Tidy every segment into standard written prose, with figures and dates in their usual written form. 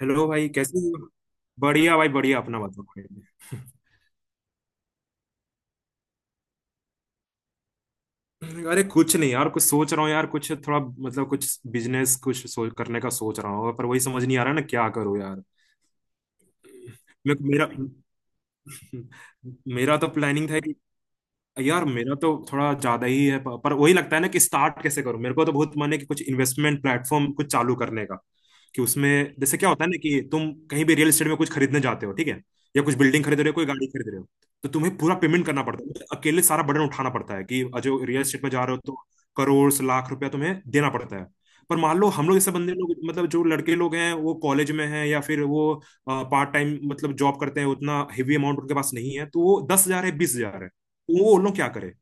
Hello भाई, कैसे हो। बढ़िया भाई, बढ़िया। अपना बताओ भाई। अरे कुछ नहीं यार, कुछ सोच रहा हूँ यार। कुछ थोड़ा मतलब कुछ बिजनेस कुछ सोच करने का सोच रहा हूँ पर वही समझ नहीं आ रहा ना, क्या करूँ यार। मेरा मेरा तो प्लानिंग था कि यार मेरा तो थोड़ा ज्यादा ही है पर वही लगता है ना कि स्टार्ट कैसे करूं। मेरे को तो बहुत मन है कि कुछ इन्वेस्टमेंट प्लेटफॉर्म कुछ चालू करने का। कि उसमें जैसे क्या होता है ना, कि तुम कहीं भी रियल एस्टेट में कुछ खरीदने जाते हो, ठीक है, या कुछ बिल्डिंग खरीद रहे हो, कोई गाड़ी खरीद रहे हो, तो तुम्हें पूरा पेमेंट करना पड़ता है, अकेले सारा बर्डन उठाना पड़ता है कि जो रियल एस्टेट में जा रहे हो। तो करोड़ से लाख रुपया तुम्हें देना पड़ता है। पर मान लो हम लोग जैसे बंदे लोग, मतलब जो लड़के लोग हैं वो कॉलेज में हैं, या फिर वो पार्ट टाइम मतलब जॉब करते हैं, उतना हेवी अमाउंट उनके पास नहीं है। तो वो 10,000 है, 20,000 है, वो उन लोग क्या करे।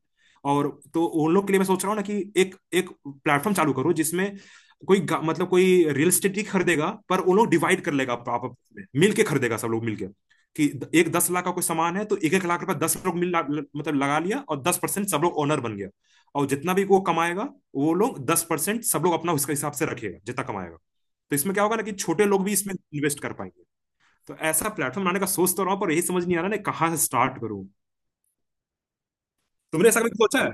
और तो उन लोग के लिए मैं सोच रहा हूँ ना कि एक एक प्लेटफॉर्म चालू करो, जिसमें मतलब कोई रियल एस्टेट ही खरीदेगा, पर उन लोग डिवाइड कर लेगा। में मिल के खरीदेगा, सब लोग मिल के। कि एक 10 लाख का कोई सामान है तो एक एक लाख रुपए 10 लोग मिल मतलब लगा लिया, और 10% सब लोग ओनर बन गया। और जितना भी वो कमाएगा, वो लोग 10% सब लोग अपना उसके हिसाब से रखेगा, जितना कमाएगा। तो इसमें क्या होगा ना कि छोटे लोग भी इसमें इन्वेस्ट कर पाएंगे। तो ऐसा प्लेटफॉर्म बनाने का सोच तो रहा हूँ, पर यही समझ नहीं आ रहा ना, कहाँ से स्टार्ट करूँ। तुमने ऐसा कभी सोचा है?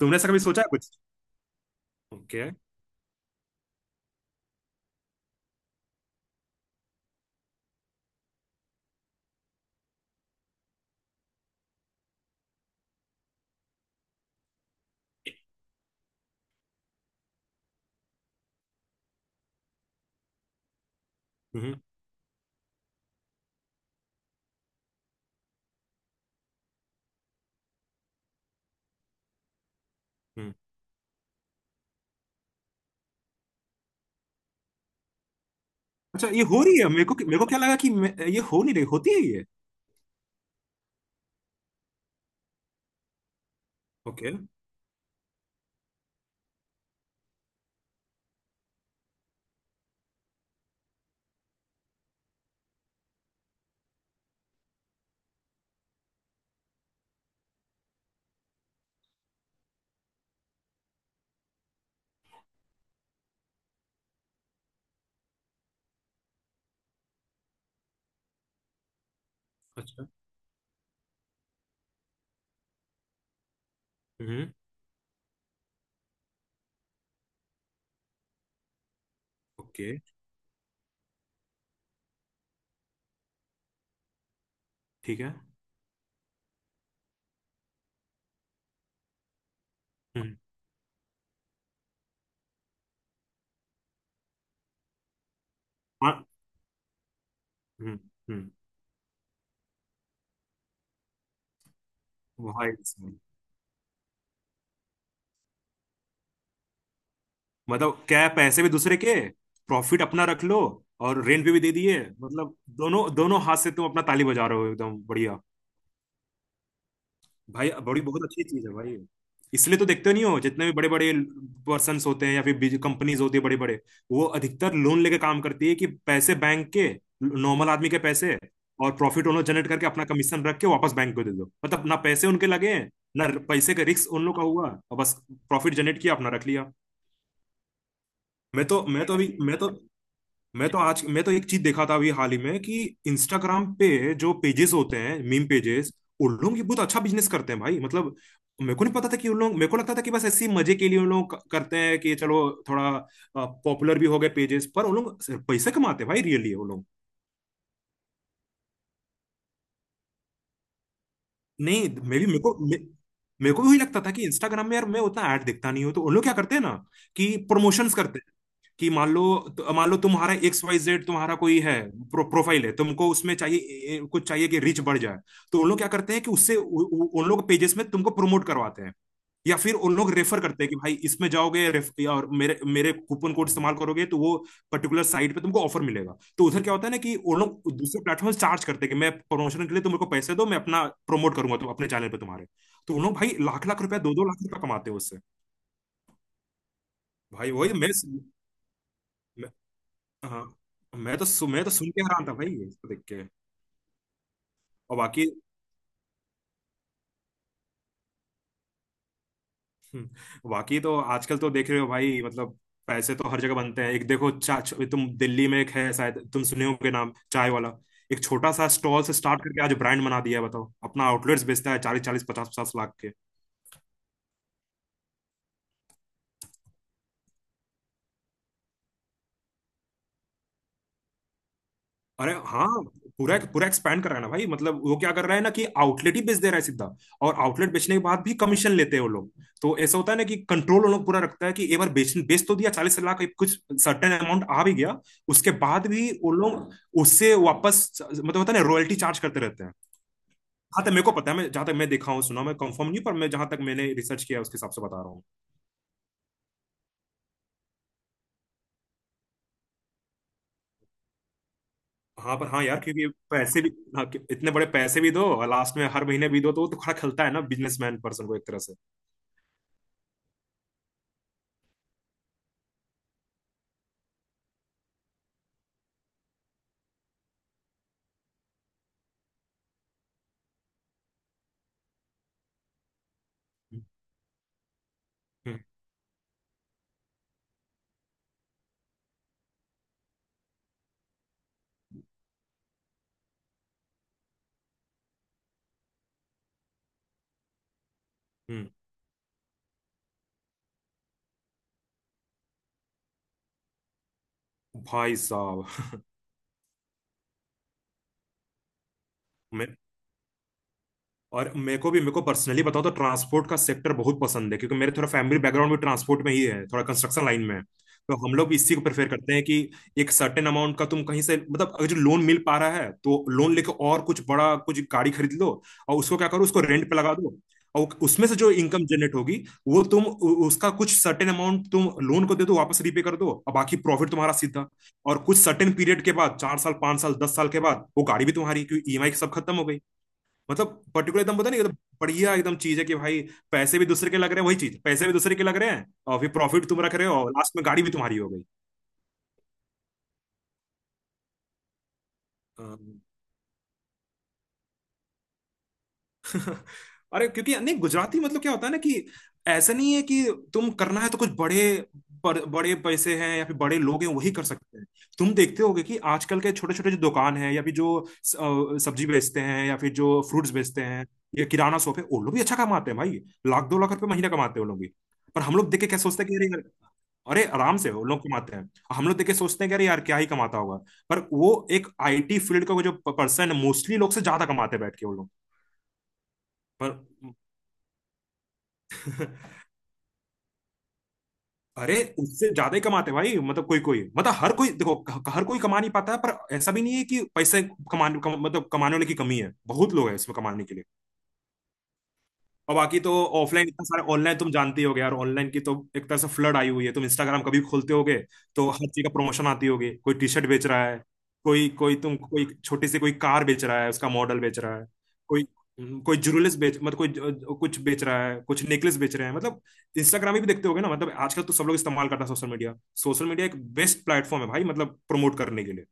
तुमने ऐसा कभी सोचा है कुछ? ओके। हम्म। हम्म। अच्छा, ये हो रही है? मेरे को क्या लगा कि ये हो नहीं रही होती है ये। ओके। अच्छा। हम्म। ओके। ठीक है। हम्म। हाँ। हम्म। हम्म। भाई साहब। मतलब क्या है, पैसे भी दूसरे के, प्रॉफिट अपना रख लो और रेंट भी दे दिए। मतलब दोनों दोनों हाथ से तुम अपना ताली बजा रहे हो, एकदम बढ़िया। भाई बड़ी बहुत अच्छी चीज है भाई। इसलिए तो देखते नहीं हो जितने भी बड़े बड़े पर्सन होते हैं, या फिर कंपनीज होती है बड़े बड़े, वो अधिकतर लोन लेके काम करती है। कि पैसे बैंक के, नॉर्मल आदमी के पैसे, और प्रॉफिट उन्होंने जनरेट करके अपना कमीशन रख के वापस बैंक को दे दो। मतलब ना पैसे उनके लगे हैं, ना पैसे का रिस्क उन लोग का हुआ, और बस प्रॉफिट जनरेट किया, अपना रख लिया। मैं तो अभी मैं तो आज मैं तो एक चीज देखा था अभी हाल ही में, कि इंस्टाग्राम पे जो पेजेस होते हैं, मीम पेजेस, उन लोग ये बहुत अच्छा बिजनेस करते हैं भाई। मतलब मेरे को नहीं पता था कि उन लोग, मेरे को लगता था कि बस ऐसे ही मजे के लिए उन लोग करते हैं। कि चलो थोड़ा पॉपुलर भी हो गए पेजेस, पर उन लोग सिर्फ पैसे कमाते हैं भाई, रियली वो लोग। नहीं, मैं भी, मेरे को भी वही लगता था कि इंस्टाग्राम में यार मैं उतना ऐड देखता नहीं हूँ। तो उन लोग क्या करते हैं ना कि प्रमोशंस करते, कि मान लो, मान लो तुम्हारा एक्स वाई जेड, तुम्हारा कोई है प्रोफाइल है, तुमको उसमें चाहिए कुछ चाहिए कि रीच बढ़ जाए। तो उन लोग क्या करते हैं कि उससे उन लोग पेजेस में तुमको प्रमोट करवाते हैं। या फिर उन लोग रेफर करते हैं कि भाई इसमें जाओगे या और मेरे मेरे कूपन कोड इस्तेमाल करोगे तो वो पर्टिकुलर साइट पे तुमको ऑफर मिलेगा। तो उधर क्या होता है ना कि उन लोग दूसरे प्लेटफॉर्म चार्ज करते हैं कि मैं प्रमोशन के लिए, तुम मेरे को पैसे दो, मैं अपना प्रमोट करूंगा तुम अपने चैनल पे तुम्हारे। तो उन लोग भाई लाख लाख रुपया, दो दो लाख रुपया कमाते हैं उससे। भाई वही मैं। हाँ। मैं तो सुन के हैरान था भाई इसको देख के। और बाकी। हम्म। बाकी तो आजकल तो देख रहे हो भाई, मतलब पैसे तो हर जगह बनते हैं। एक देखो, तुम दिल्ली में एक है शायद, तुम सुने होंगे नाम, चाय वाला। एक छोटा सा स्टॉल से स्टार्ट करके आज ब्रांड बना दिया है। बताओ, अपना आउटलेट्स बेचता है चालीस चालीस पचास पचास लाख के। अरे हाँ। पूरा पूरा एक्सपैंड कर रहा है ना भाई। मतलब वो क्या कर रहा है ना कि आउटलेट ही बेच दे रहा है सीधा, और आउटलेट बेचने के बाद भी कमीशन लेते हैं वो लोग। तो ऐसा होता है ना कि कंट्रोल वो लोग पूरा रखता है। कि एक बार बेच बेच तो दिया 40 लाख, कुछ सर्टेन अमाउंट आ भी गया, उसके बाद भी वो लोग उससे वापस, मतलब होता है ना, रॉयल्टी चार्ज करते रहते हैं। हाँ, तक मेरे को पता है, मैं जहां तक मैं देखा हूँ सुना, मैं कंफर्म नहीं, पर मैं जहां तक मैंने रिसर्च किया है, उसके हिसाब से बता रहा हूँ। हाँ पर हाँ यार, क्योंकि पैसे भी, हाँ, इतने बड़े पैसे भी दो और लास्ट में हर महीने भी दो, तो वो तो खड़ा खलता है ना बिजनेसमैन पर्सन को एक तरह से। हम्म। हम्म। हम्म। भाई साहब। मैं, और मेरे को भी, मेरे को पर्सनली बताओ तो ट्रांसपोर्ट का सेक्टर बहुत पसंद है, क्योंकि मेरे थोड़ा फैमिली बैकग्राउंड भी ट्रांसपोर्ट में ही है, थोड़ा कंस्ट्रक्शन लाइन में है। तो हम लोग भी इसी को प्रेफर करते हैं कि एक सर्टेन अमाउंट का तुम कहीं से, मतलब अगर जो लोन मिल पा रहा है, तो लोन लेके और कुछ बड़ा, कुछ गाड़ी खरीद लो, और उसको क्या करो, उसको रेंट पे लगा दो। और उसमें से जो इनकम जनरेट होगी, वो तुम उसका कुछ सर्टेन अमाउंट तुम लोन को दे दो, वापस रीपे कर दो, और बाकी प्रॉफिट तुम्हारा सीधा। और कुछ सर्टेन पीरियड के बाद, 4 साल 5 साल 10 साल के बाद, वो गाड़ी भी तुम्हारी, क्योंकि ईएमआई सब खत्म हो गई। मतलब पर्टिकुलर एकदम पता नहीं, एकदम बढ़िया एकदम चीज है कि भाई, पैसे भी दूसरे के लग रहे हैं, वही चीज, पैसे भी दूसरे के लग रहे हैं और फिर प्रॉफिट तुम रख रहे हो और लास्ट में गाड़ी भी तुम्हारी हो गई। अम, अरे क्योंकि नहीं, गुजराती मतलब क्या होता है ना कि ऐसा नहीं है कि तुम करना है तो कुछ बड़े बड़े पैसे हैं या फिर बड़े लोग हैं, वही कर सकते हैं। तुम देखते होगे कि आजकल के छोटे छोटे जो दुकान है, या फिर जो सब्जी बेचते हैं या फिर जो फ्रूट्स बेचते हैं, या किराना शॉप है, वो लोग भी अच्छा कमाते हैं भाई। लाख दो लाख रुपए महीना कमाते हैं वो लोग भी। पर हम लोग देख के क्या सोचते हैं कि अरे यार, अरे आराम से उन लोग कमाते हैं। हम लोग देख के सोचते हैं कि अरे यार क्या ही कमाता होगा, पर वो एक आईटी फील्ड का वो जो पर्सन है, मोस्टली लोग से ज्यादा कमाते हैं बैठ के वो लोग। पर अरे उससे ज्यादा ही कमाते हैं भाई। मतलब कोई कोई मतलब हर कोई, देखो हर कोई कमा नहीं पाता है, पर ऐसा भी नहीं है कि पैसे कमाने मतलब कमाने वाले की कमी है। बहुत लोग हैं इसमें कमाने के लिए। और बाकी तो ऑफलाइन इतना सारा, ऑनलाइन तुम जानती होगे यार, ऑनलाइन की तो एक तरह से फ्लड आई हुई है। तुम इंस्टाग्राम कभी खोलते होगे तो हर चीज का प्रमोशन आती होगी। कोई टी शर्ट बेच रहा है, कोई कोई, तुम कोई छोटी सी कोई कार बेच रहा है, उसका मॉडल बेच रहा है, कोई कोई ज्वेलरीज बेच, मतलब कोई कुछ बेच रहा है, कुछ नेकलेस बेच रहे हैं। मतलब इंस्टाग्राम भी देखते होगे ना, मतलब आजकल तो सब लोग इस्तेमाल करता है सोशल मीडिया। सोशल मीडिया एक बेस्ट प्लेटफॉर्म है भाई, मतलब प्रमोट करने के लिए।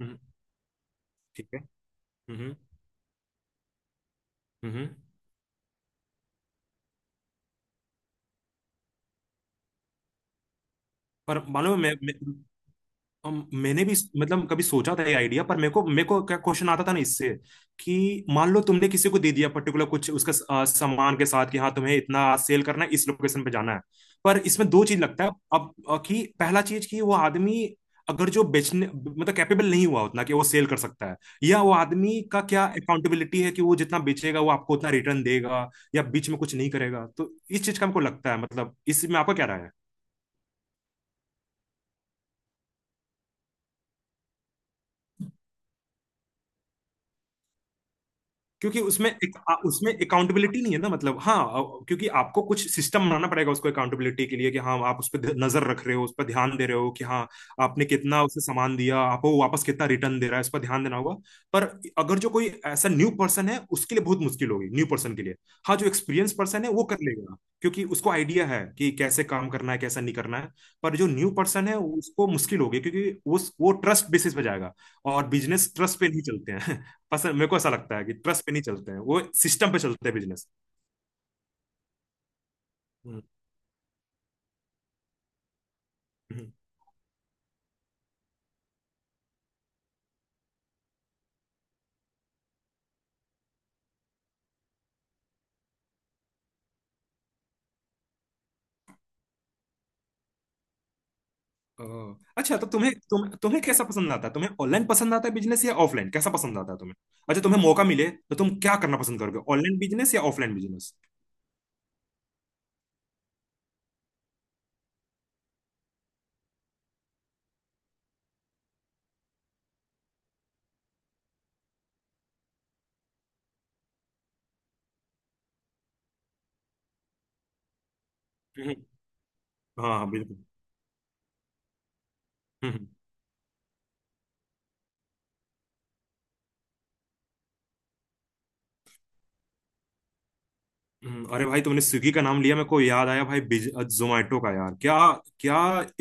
हम्म। ठीक है। हम्म। हम्म। पर मालूम है मैंने भी, मतलब कभी सोचा था ये आइडिया, पर मेरे को क्या क्वेश्चन आता था ना इससे, कि मान लो तुमने किसी को दे दिया पर्टिकुलर कुछ उसका सामान के साथ कि हाँ तुम्हें इतना सेल करना है, इस लोकेशन पे जाना है। पर इसमें दो चीज लगता है अब, कि पहला चीज कि वो आदमी, अगर जो बेचने मतलब कैपेबल नहीं हुआ उतना कि वो सेल कर सकता है, या वो आदमी का क्या अकाउंटेबिलिटी है कि वो जितना बेचेगा वो आपको उतना रिटर्न देगा, या बीच में कुछ नहीं करेगा। तो इस चीज का हमको लगता है, मतलब इसमें आपका क्या राय है? क्योंकि उसमें अकाउंटेबिलिटी नहीं है ना, मतलब हाँ, क्योंकि आपको कुछ सिस्टम बनाना पड़ेगा उसको अकाउंटेबिलिटी के लिए कि हाँ, आप उस पर नजर रख रहे हो, उस पर ध्यान दे रहे हो कि हाँ, आपने कितना उसे सामान दिया, आपको वो वापस कितना रिटर्न दे रहा है, इस पर ध्यान देना होगा। पर अगर जो कोई ऐसा न्यू पर्सन है, उसके लिए बहुत मुश्किल होगी, न्यू पर्सन के लिए। हाँ, जो एक्सपीरियंस पर्सन है वो कर लेगा, क्योंकि उसको आइडिया है कि कैसे काम करना है, कैसा नहीं करना है। पर जो न्यू पर्सन है उसको मुश्किल होगी, क्योंकि उस वो ट्रस्ट बेसिस पे जाएगा, और बिजनेस ट्रस्ट पे नहीं चलते हैं। पसंद, मेरे को ऐसा लगता है कि ट्रस्ट पे नहीं चलते हैं, वो सिस्टम पे चलते हैं बिजनेस। हम्म। हम्म। ओह, अच्छा, तो तुम्हें, तुम तुम्हें कैसा पसंद आता है? तुम्हें ऑनलाइन पसंद आता है बिजनेस या ऑफलाइन, कैसा पसंद आता है तुम्हें? अच्छा, तुम्हें मौका मिले तो तुम क्या करना पसंद करोगे, ऑनलाइन बिजनेस या ऑफलाइन बिजनेस? हम्म। हाँ हाँ, बिल्कुल। हम्म। हम्म। अरे भाई, तुमने स्विगी का नाम लिया, मेरे को याद आया भाई, बिज जोमैटो का। यार क्या, क्या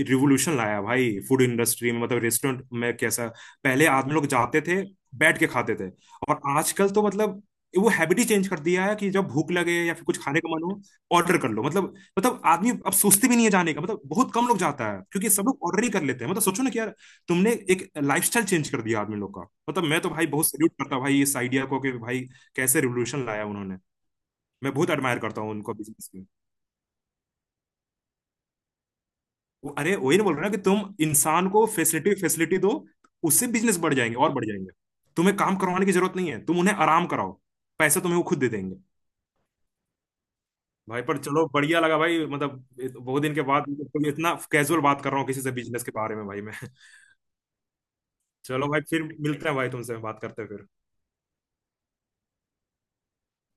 रिवोल्यूशन लाया भाई फूड इंडस्ट्री में, मतलब रेस्टोरेंट में कैसा। पहले आदमी लोग जाते थे, बैठ के खाते थे, और आजकल तो मतलब, वो हैबिट ही चेंज कर दिया है कि जब भूख लगे या फिर कुछ खाने का मन हो, ऑर्डर कर लो। मतलब, मतलब आदमी अब सोचते भी नहीं है जाने का, मतलब बहुत कम लोग जाता है, क्योंकि सब लोग ऑर्डर ही कर लेते हैं। मतलब सोचो ना कि यार, तुमने एक लाइफस्टाइल चेंज कर दिया आदमी लोग का। मतलब मैं तो भाई बहुत सैल्यूट करता हूँ भाई इस आइडिया को कि भाई, कैसे रिवोल्यूशन लाया उन्होंने। मैं बहुत एडमायर करता हूँ उनको बिजनेस में। अरे वही ना बोल रहे ना कि तुम इंसान को फैसिलिटी फैसिलिटी दो, उससे बिजनेस बढ़ जाएंगे और बढ़ जाएंगे। तुम्हें काम करवाने की जरूरत नहीं है, तुम उन्हें आराम कराओ, पैसा तुम्हें वो खुद दे देंगे। भाई, पर चलो बढ़िया लगा भाई, मतलब बहुत दिन के बाद मतलब कोई इतना कैजुअल बात कर रहा हूँ किसी से बिजनेस के बारे में भाई मैं। चलो भाई, फिर मिलते हैं भाई, तुमसे बात करते हैं फिर।